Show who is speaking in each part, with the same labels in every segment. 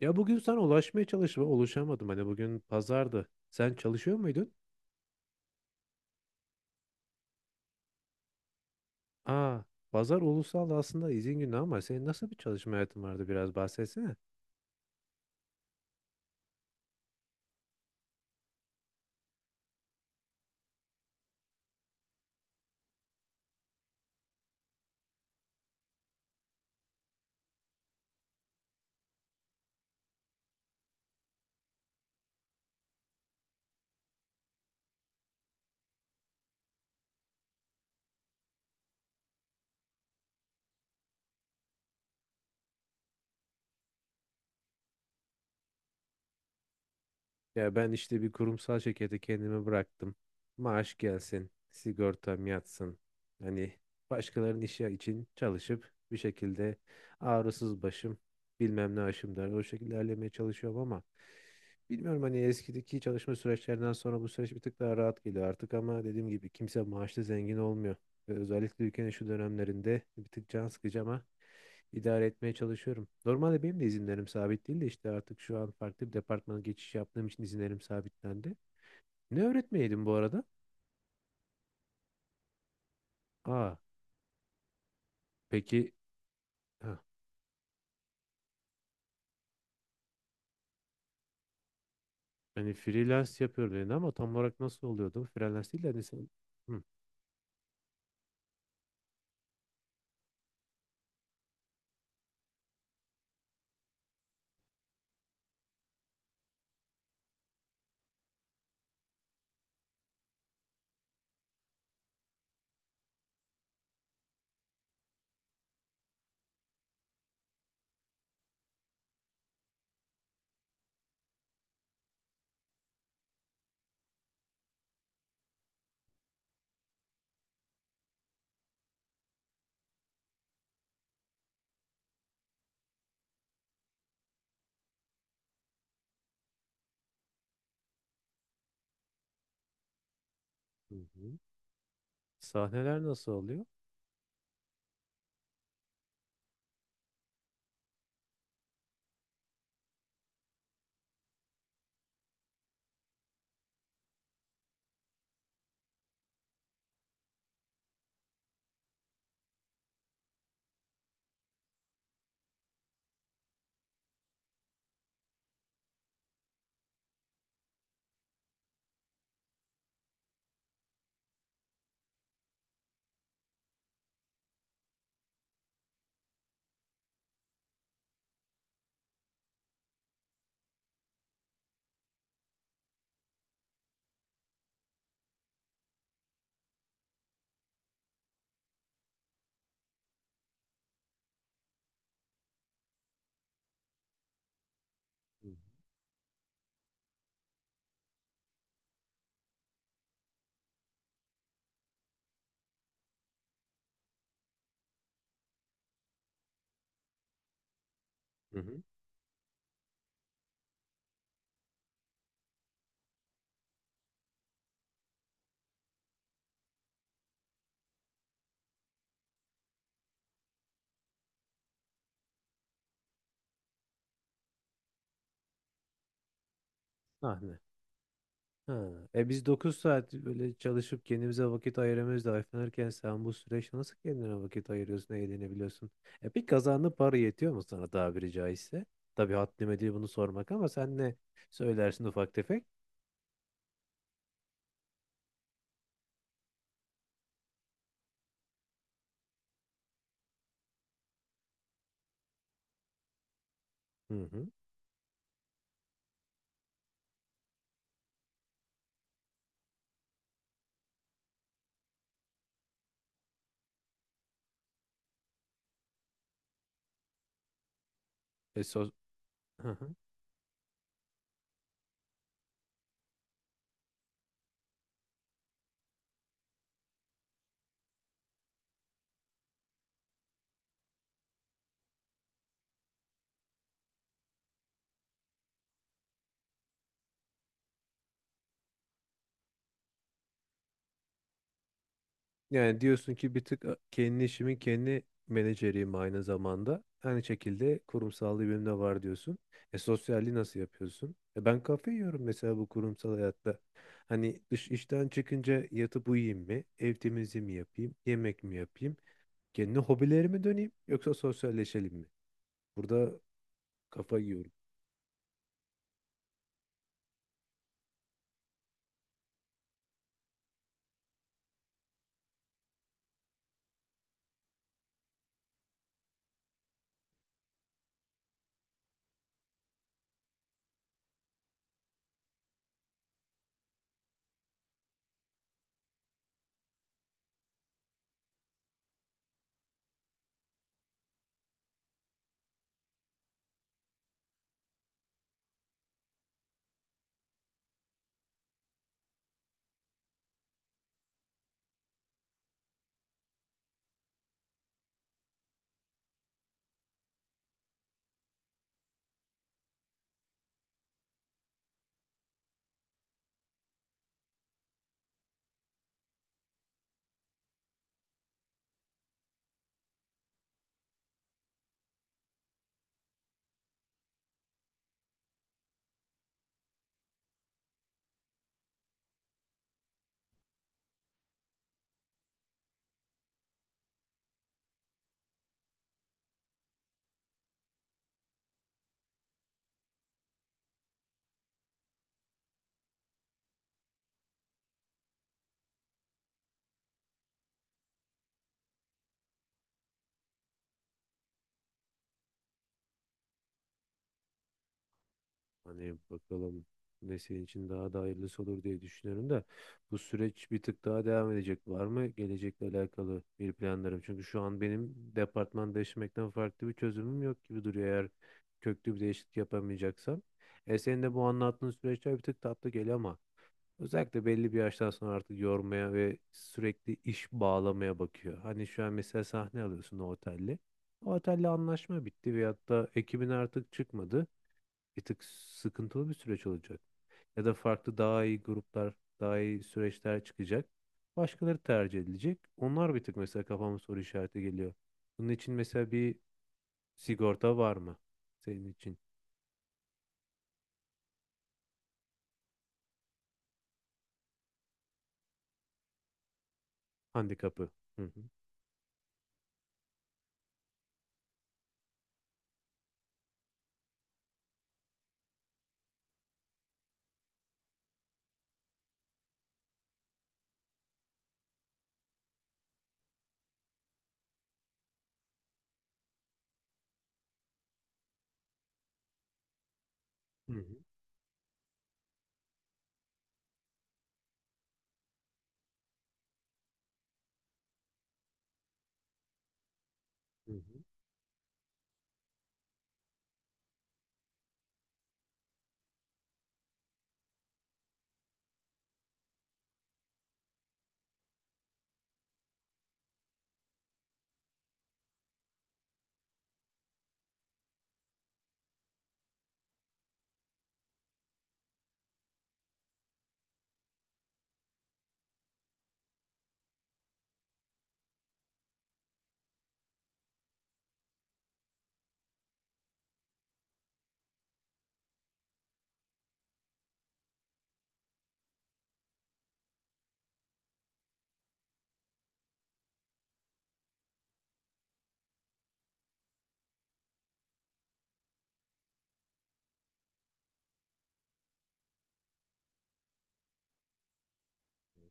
Speaker 1: Ya bugün sana ulaşmaya çalıştım ama ulaşamadım. Hani bugün pazardı. Sen çalışıyor muydun? Aa, pazar ulusal aslında izin günü ama senin nasıl bir çalışma hayatın vardı biraz bahsetsene. Ya ben işte bir kurumsal şirkete kendimi bıraktım. Maaş gelsin, sigortam yatsın. Hani başkalarının işi için çalışıp bir şekilde ağrısız başım, bilmem ne aşım der. O şekilde ilerlemeye çalışıyorum ama bilmiyorum hani eskideki çalışma süreçlerinden sonra bu süreç bir tık daha rahat geliyor artık ama dediğim gibi kimse maaşlı zengin olmuyor. Ve özellikle ülkenin şu dönemlerinde bir tık can sıkıcı ama idare etmeye çalışıyorum. Normalde benim de izinlerim sabit değil de işte artık şu an farklı bir departmana geçiş yaptığım için izinlerim sabitlendi. Ne öğretmeyeydin bu arada? Aa, peki ha, hani freelance yapıyorum dedin ama tam olarak nasıl oluyordu? Freelance değil de hani sen... Hı, hı, hı. Sahneler nasıl oluyor? Hı, hı, hı. Sahne. Ha. E biz 9 saat böyle çalışıp kendimize vakit ayıramıyoruz da ayıflanırken sen bu süreçte nasıl kendine vakit ayırıyorsun, eğlenebiliyorsun? E peki kazandığın para yetiyor mu sana tabiri caizse? Tabii haddime değil bunu sormak ama sen ne söylersin ufak tefek? Hı hı. E, Yani diyorsun ki bir tık kendi işimin kendi menajeriyim aynı zamanda. Aynı şekilde kurumsallığı benim de var diyorsun. E sosyalliği nasıl yapıyorsun? E ben kafe yiyorum mesela bu kurumsal hayatta. Hani dış işten çıkınca yatıp uyuyayım mı? Ev temizliği mi yapayım? Yemek mi yapayım? Kendi hobilerime döneyim yoksa sosyalleşelim mi? Burada kafa yiyorum. Hani bakalım ne senin için daha da hayırlısı olur diye düşünüyorum da bu süreç bir tık daha devam edecek var mı? Gelecekle alakalı bir planlarım. Çünkü şu an benim departman değiştirmekten farklı bir çözümüm yok gibi duruyor eğer köklü bir değişiklik yapamayacaksam. E senin de bu anlattığın süreçler bir tık tatlı geliyor ama özellikle belli bir yaştan sonra artık yormaya ve sürekli iş bağlamaya bakıyor. Hani şu an mesela sahne alıyorsun o otelle. O otelle anlaşma bitti veyahut da ekibin artık çıkmadı bir tık sıkıntılı bir süreç olacak. Ya da farklı daha iyi gruplar, daha iyi süreçler çıkacak. Başkaları tercih edilecek. Onlar bir tık mesela kafama soru işareti geliyor. Bunun için mesela bir sigorta var mı? Senin için handikapı. Hı hı. Hı hı. Hı hı.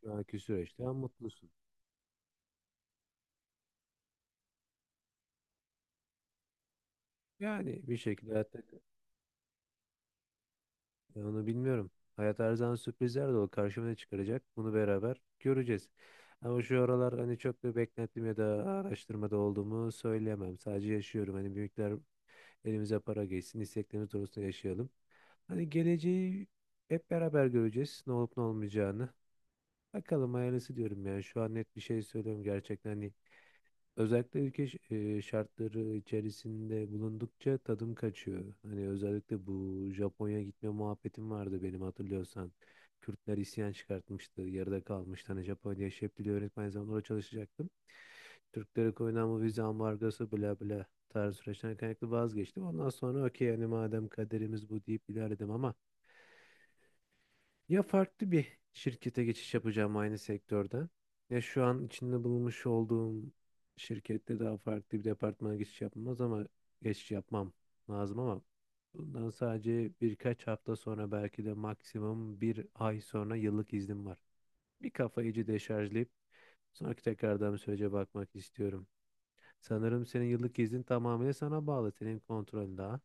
Speaker 1: Şu anki süreçte mutlusun. Yani bir şekilde hayatta. Ya onu bilmiyorum. Hayat her zaman sürprizler dolu. Karşıma ne çıkaracak? Bunu beraber göreceğiz. Ama şu aralar hani çok bir beklentim ya da araştırmada olduğumu söyleyemem. Sadece yaşıyorum. Hani büyükler elimize para geçsin, isteklerimiz doğrultusunda yaşayalım. Hani geleceği hep beraber göreceğiz. Ne olup ne olmayacağını. Bakalım hayırlısı diyorum yani. Şu an net bir şey söylüyorum gerçekten. Hani özellikle ülke şartları içerisinde bulundukça tadım kaçıyor. Hani özellikle bu Japonya gitme muhabbetim vardı benim hatırlıyorsan. Kürtler isyan çıkartmıştı, yarıda kalmıştı. Hani Japonya şef dili öğretmen zaman orada çalışacaktım. Türklere koyulan bu vize ambargosu bla bla tarzı süreçten kaynaklı vazgeçtim. Ondan sonra okey hani madem kaderimiz bu deyip ilerledim ama ya farklı bir şirkete geçiş yapacağım aynı sektörden. Ya şu an içinde bulunmuş olduğum şirkette daha farklı bir departmana geçiş yapmaz ama geçiş yapmam lazım ama bundan sadece birkaç hafta sonra belki de maksimum bir ay sonra yıllık iznim var. Bir kafayı iyice deşarjlayıp sonraki tekrardan bir sürece bakmak istiyorum. Sanırım senin yıllık iznin tamamıyla sana bağlı. Senin kontrolün daha.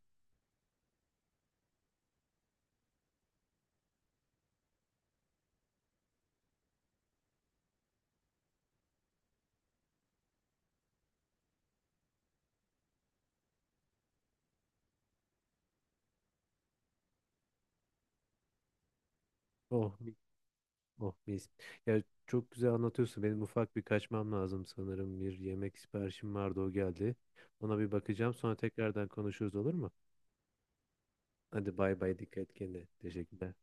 Speaker 1: Oh. Oh mis. Ya çok güzel anlatıyorsun. Benim ufak bir kaçmam lazım sanırım. Bir yemek siparişim vardı o geldi. Ona bir bakacağım. Sonra tekrardan konuşuruz olur mu? Hadi bay bay dikkat et kendine. Teşekkürler.